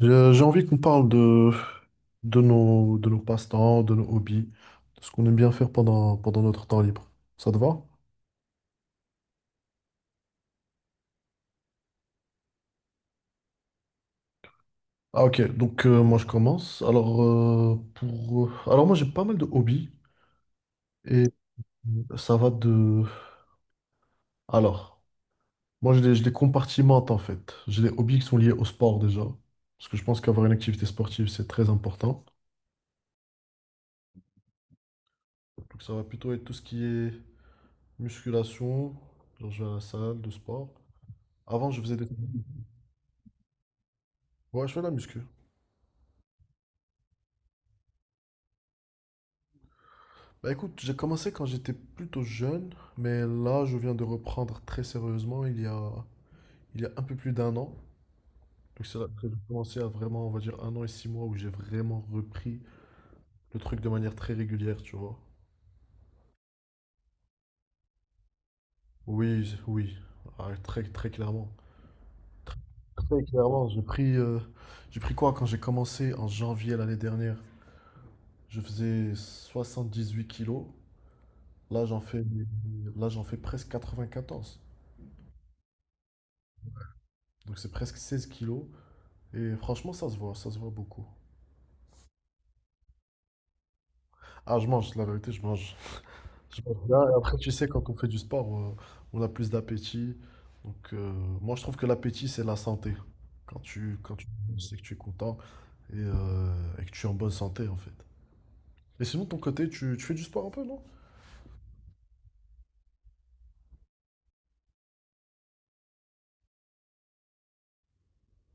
J'ai envie qu'on parle de nos passe-temps, de nos hobbies, de ce qu'on aime bien faire pendant notre temps libre. Ça te va? Ah ok, donc moi je commence. Alors, alors moi j'ai pas mal de hobbies et ça va de... Alors, moi je les compartimente en fait. J'ai des hobbies qui sont liés au sport déjà, parce que je pense qu'avoir une activité sportive c'est très important. Donc ça va plutôt être tout ce qui est musculation, genre je vais à la salle de sport. Avant je faisais des... Ouais, je fais de la muscu. Bah écoute, j'ai commencé quand j'étais plutôt jeune, mais là je viens de reprendre très sérieusement il y a un peu plus d'un an. Donc c'est là que j'ai commencé à vraiment, on va dire, un an et six mois où j'ai vraiment repris le truc de manière très régulière, tu vois. Oui, oui, ah, très très clairement. Très, très clairement, j'ai pris quoi quand j'ai commencé en janvier l'année dernière? Je faisais 78 kilos, là j'en fais, là j'en fais presque 94. Donc c'est presque 16 kilos. Et franchement, ça se voit beaucoup. Ah, je mange, la vérité, je mange. Je mange bien. Et après, tu sais, quand on fait du sport, on a plus d'appétit. Donc, moi, je trouve que l'appétit, c'est la santé. Quand tu sais que tu es content et que tu es en bonne santé, en fait. Et sinon, de ton côté, tu fais du sport un peu, non?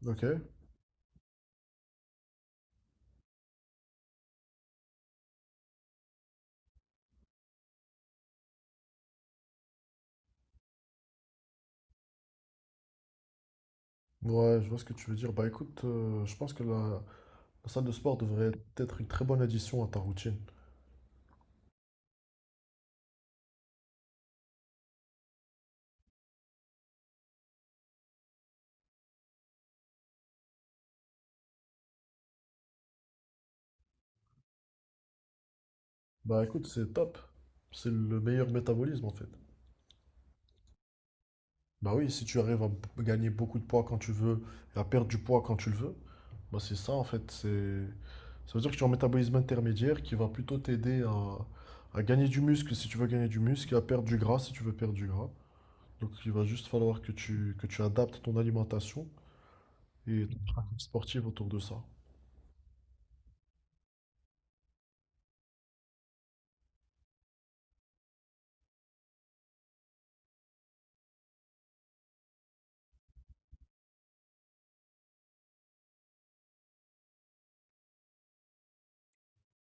Ok. Ouais, je vois ce que tu veux dire. Bah écoute, je pense que la salle de sport devrait être une très bonne addition à ta routine. Bah écoute, c'est top. C'est le meilleur métabolisme, en fait. Bah oui, si tu arrives à gagner beaucoup de poids quand tu veux et à perdre du poids quand tu le veux, bah c'est ça en fait. C'est... Ça veut dire que tu as un métabolisme intermédiaire qui va plutôt à gagner du muscle si tu veux gagner du muscle et à perdre du gras si tu veux perdre du gras. Donc il va juste falloir que tu adaptes ton alimentation et ton pratique sportive autour de ça.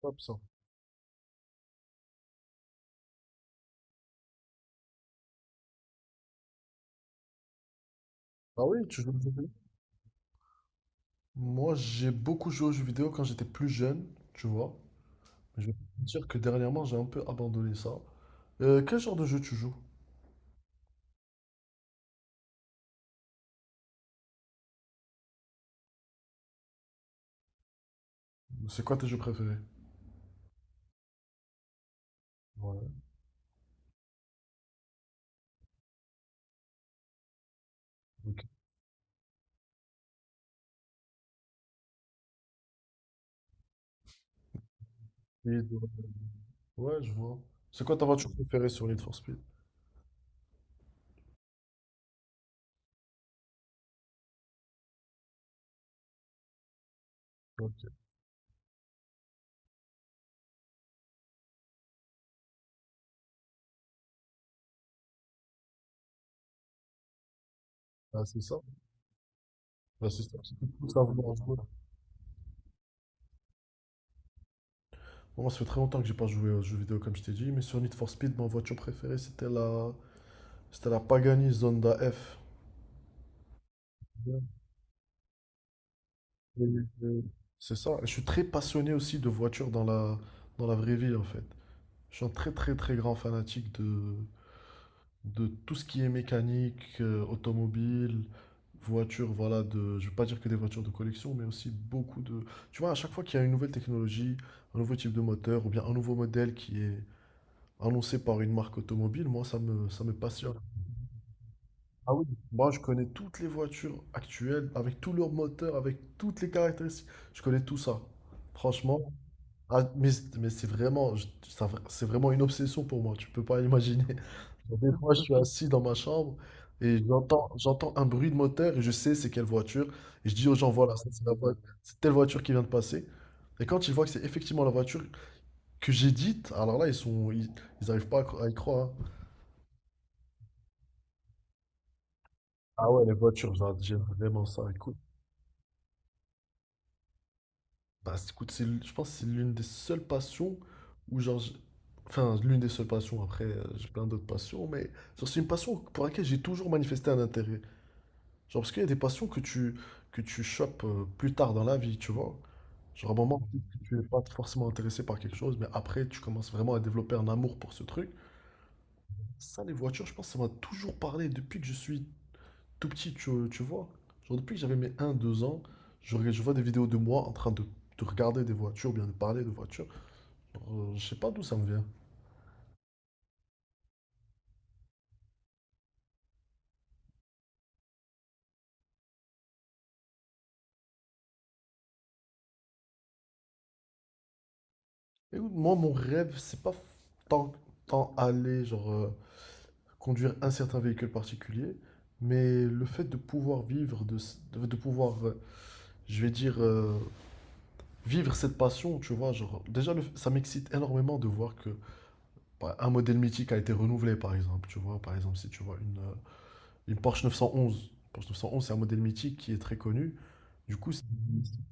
Hop, ça. Ah oui, tu joues aux jeux vidéo? Moi, j'ai beaucoup joué aux jeux vidéo quand j'étais plus jeune, tu vois. Je vais te dire que dernièrement, j'ai un peu abandonné ça. Quel genre de jeu tu joues? C'est quoi tes jeux préférés? Ouais, ok. Speed, ouais, ouais, je vois. C'est quoi ta voiture préférée sur Need for Speed? Ok. Bah, c'est ça. Bah, c'est ça, qui te pousse à vouloir jouer. Moi, ça fait très longtemps que j'ai pas joué aux jeux vidéo, comme je t'ai dit, mais sur Need for Speed, ma voiture préférée, c'était la Pagani Zonda F. Et- et- C'est ça. Je suis très passionné aussi de voitures dans la vraie vie, en fait. Je suis un très, très, très grand fanatique de tout ce qui est mécanique, automobile, voiture, voilà, de, je ne veux pas dire que des voitures de collection, mais aussi beaucoup de... Tu vois, à chaque fois qu'il y a une nouvelle technologie, un nouveau type de moteur, ou bien un nouveau modèle qui est annoncé par une marque automobile, moi, ça me passionne. Ah oui. Moi, je connais toutes les voitures actuelles, avec tous leurs moteurs, avec toutes les caractéristiques. Je connais tout ça. Franchement, ah, mais c'est vraiment, c'est vraiment une obsession pour moi, tu peux pas imaginer. Des fois, je suis assis dans ma chambre et j'entends un bruit de moteur et je sais c'est quelle voiture. Et je dis aux gens, voilà, ça, c'est la voiture, c'est telle voiture qui vient de passer. Et quand ils voient que c'est effectivement la voiture que j'ai dite, alors là, ils arrivent pas à à y croire, hein. Ah ouais, les voitures, j'aime vraiment ça. Écoute, bah, je pense que c'est l'une des seules passions où, enfin, l'une des seules passions, après, j'ai plein d'autres passions, mais genre, c'est une passion pour laquelle j'ai toujours manifesté un intérêt. Genre, parce qu'il y a des passions que tu chopes plus tard dans la vie, tu vois. Genre, à un moment, peut-être que tu n'es pas forcément intéressé par quelque chose, mais après, tu commences vraiment à développer un amour pour ce truc. Ça, les voitures, je pense que ça m'a toujours parlé depuis que je suis tout petit, tu vois. Genre, depuis que j'avais mes un deux ans, je vois des vidéos de moi en train de regarder des voitures, bien de parler de voitures. Je sais pas d'où ça me vient. Écoute, moi, mon rêve, c'est pas tant, tant aller, conduire un certain véhicule particulier, mais le fait de pouvoir vivre, de pouvoir, je vais dire, euh, vivre cette passion, tu vois, genre, déjà, ça m'excite énormément de voir que bah, un modèle mythique a été renouvelé, par exemple, tu vois, par exemple, si tu vois une Porsche 911. Porsche 911, c'est un modèle mythique qui est très connu. Du coup, si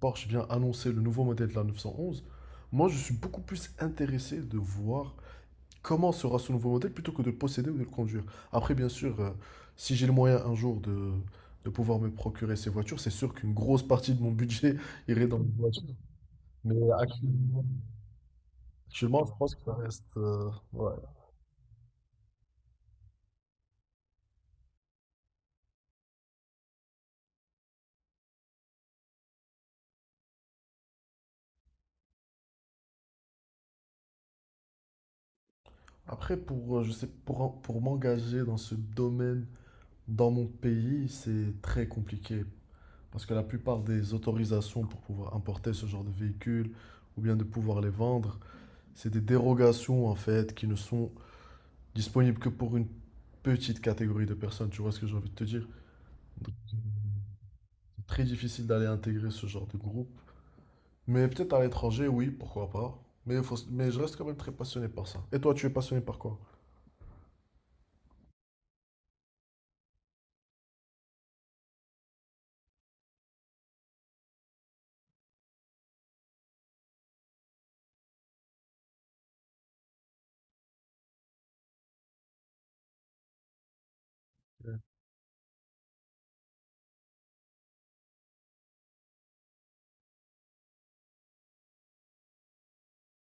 Porsche vient annoncer le nouveau modèle de la 911. Moi, je suis beaucoup plus intéressé de voir comment sera ce nouveau modèle plutôt que de le posséder ou de le conduire. Après, bien sûr, si j'ai le moyen un jour de pouvoir me procurer ces voitures, c'est sûr qu'une grosse partie de mon budget irait dans les voitures. Mais actuellement, je pense que ça reste. Euh, ouais. Après, pour, pour m'engager dans ce domaine, dans mon pays, c'est très compliqué parce que la plupart des autorisations pour pouvoir importer ce genre de véhicules ou bien de pouvoir les vendre, c'est des dérogations en fait qui ne sont disponibles que pour une petite catégorie de personnes. Tu vois ce que j'ai envie de te dire? C'est très difficile d'aller intégrer ce genre de groupe. Mais peut-être à l'étranger, oui, pourquoi pas. Mais, mais je reste quand même très passionné par ça. Et toi, tu es passionné par quoi?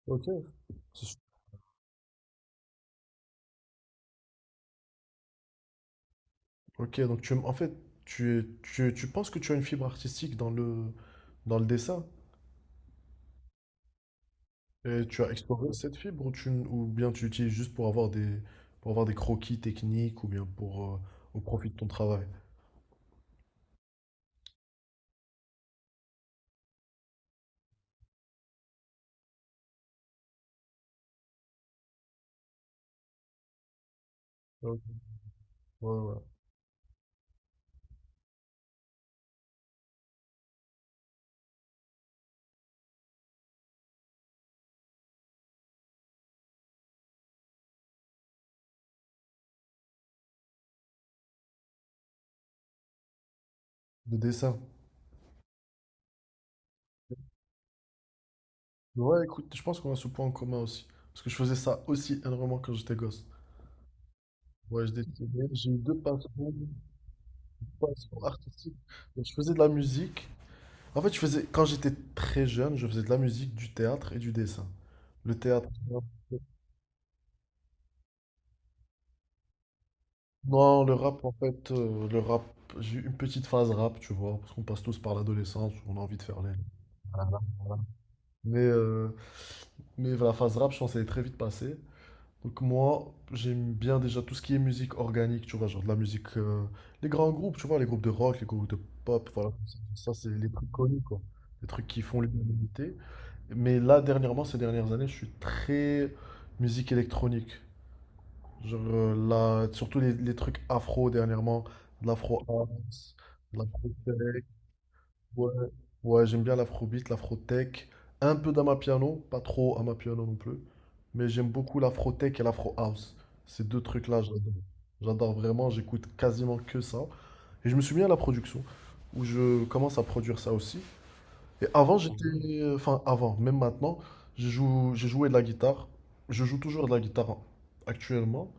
Ok. C'est su- Ok, donc en fait, tu tu penses que tu as une fibre artistique dans dans le dessin? Et tu as exploré cette fibre ou, ou bien tu l'utilises juste pour avoir pour avoir des croquis techniques ou bien pour, au profit de ton travail? Ok. Ouais, ouais. De dessin. Ouais, écoute, je pense qu'on a ce point en commun aussi. Parce que je faisais ça aussi énormément quand j'étais gosse. Ouais, je dessinais, j'ai eu deux passions, une passion artistique. Donc, je faisais de la musique. En fait, je faisais, quand j'étais très jeune, je faisais de la musique, du théâtre et du dessin. Le théâtre. Non, le rap, en fait, le rap, j'ai eu une petite phase rap, tu vois, parce qu'on passe tous par l'adolescence, où on a envie de faire les... Voilà, voilà. Mais, euh, mais la phase rap, je pense, elle est très vite passée. Donc moi, j'aime bien déjà tout ce qui est musique organique, tu vois, genre de la musique... les grands groupes, tu vois, les groupes de rock, les groupes de pop, voilà. Ça, c'est les trucs connus, quoi. Les trucs qui font l'unanimité. Mais là, dernièrement, ces dernières années, je suis très musique électronique. Genre, surtout les trucs afro dernièrement, de l'afro house, de l'afro tech. Ouais, ouais, j'aime bien l'afrobeat, l'afro tech. Un peu d'amapiano, pas trop amapiano non plus. Mais j'aime beaucoup l'afro tech et l'afro house. Ces deux trucs-là, j'adore. J'adore vraiment, j'écoute quasiment que ça. Et je me suis mis à la production, où je commence à produire ça aussi. Et avant, j'étais. Enfin, avant, même maintenant, j'ai joué de la guitare. Je joue toujours de la guitare hein, actuellement.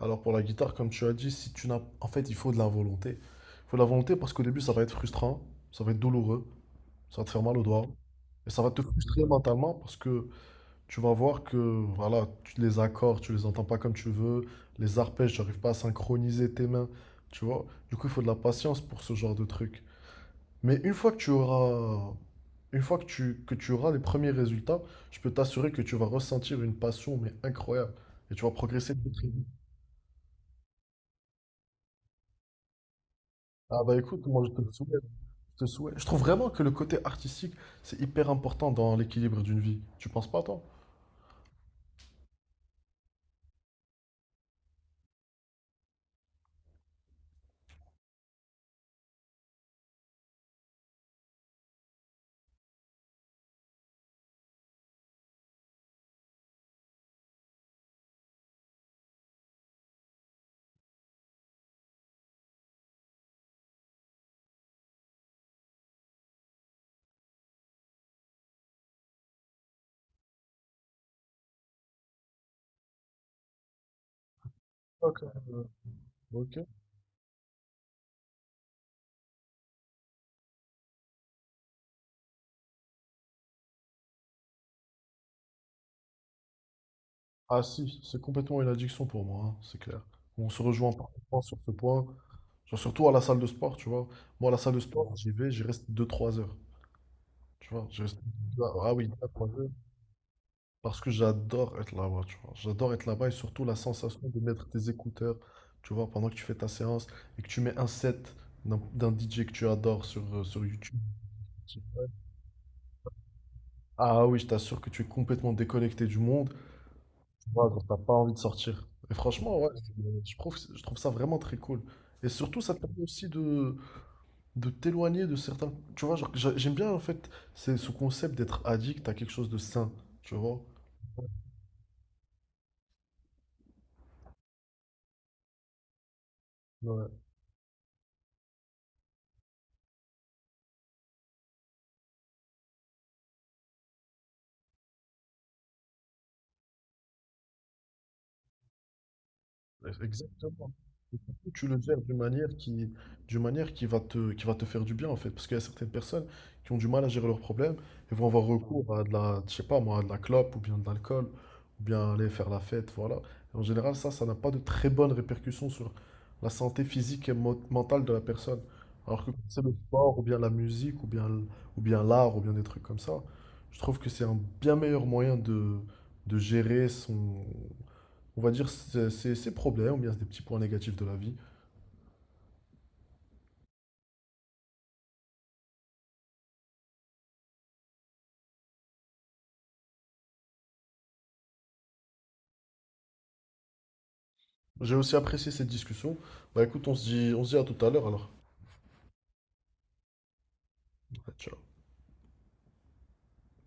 Alors pour la guitare, comme tu as dit, si tu n'as... En fait, il faut de la volonté. Il faut de la volonté parce qu'au début, ça va être frustrant, ça va être douloureux, ça va te faire mal aux doigts. Et ça va te frustrer mentalement parce que tu vas voir que voilà, les accords, tu les entends pas comme tu veux, les arpèges, tu n'arrives pas à synchroniser tes mains, tu vois. Du coup, il faut de la patience pour ce genre de truc. Mais une fois que tu auras les premiers résultats, je peux t'assurer que tu vas ressentir une passion mais incroyable et tu vas progresser très très vite. Ah bah écoute, moi je te le souhaite. Ce souhait. Je trouve vraiment que le côté artistique, c'est hyper important dans l'équilibre d'une vie. Tu penses pas, toi? Ok. Euh, ok. Ah si, c'est complètement une addiction pour moi, hein, c'est clair. On se rejoint parfaitement sur ce point. Genre, surtout à la salle de sport, tu vois. Moi, à la salle de sport, j'y vais, j'y reste deux trois heures. Tu vois, j'y reste... Ah ah oui, deux trois heures. Parce que j'adore être là-bas, tu vois. J'adore être là-bas et surtout la sensation de mettre tes écouteurs, tu vois, pendant que tu fais ta séance et que tu mets un set d'un DJ que tu adores sur, sur YouTube. Ah oui, je t'assure que tu es complètement déconnecté du monde. Tu vois, genre, t'as pas envie de sortir. Et franchement, ouais, je trouve ça vraiment très cool. Et surtout, ça te permet aussi de t'éloigner de certains. Tu vois, genre, j'aime bien en fait c'est ce concept d'être addict à quelque chose de sain. Tu vois? Exactement. Et surtout, tu le gères d'une manière qui va te faire du bien en fait, parce qu'il y a certaines personnes qui ont du mal à gérer leurs problèmes et vont avoir recours à de la, je sais pas moi, à de la clope ou bien de l'alcool ou bien aller faire la fête, voilà. Et en général, ça n'a pas de très bonnes répercussions sur la santé physique et mentale de la personne. Alors que quand c'est le sport ou bien la musique ou bien l'art ou bien des trucs comme ça, je trouve que c'est un bien meilleur moyen de gérer son, on va dire, ses problèmes, ou bien des petits points négatifs de la vie. J'ai aussi apprécié cette discussion. Bah écoute, on se dit à tout à l'heure alors. Ciao.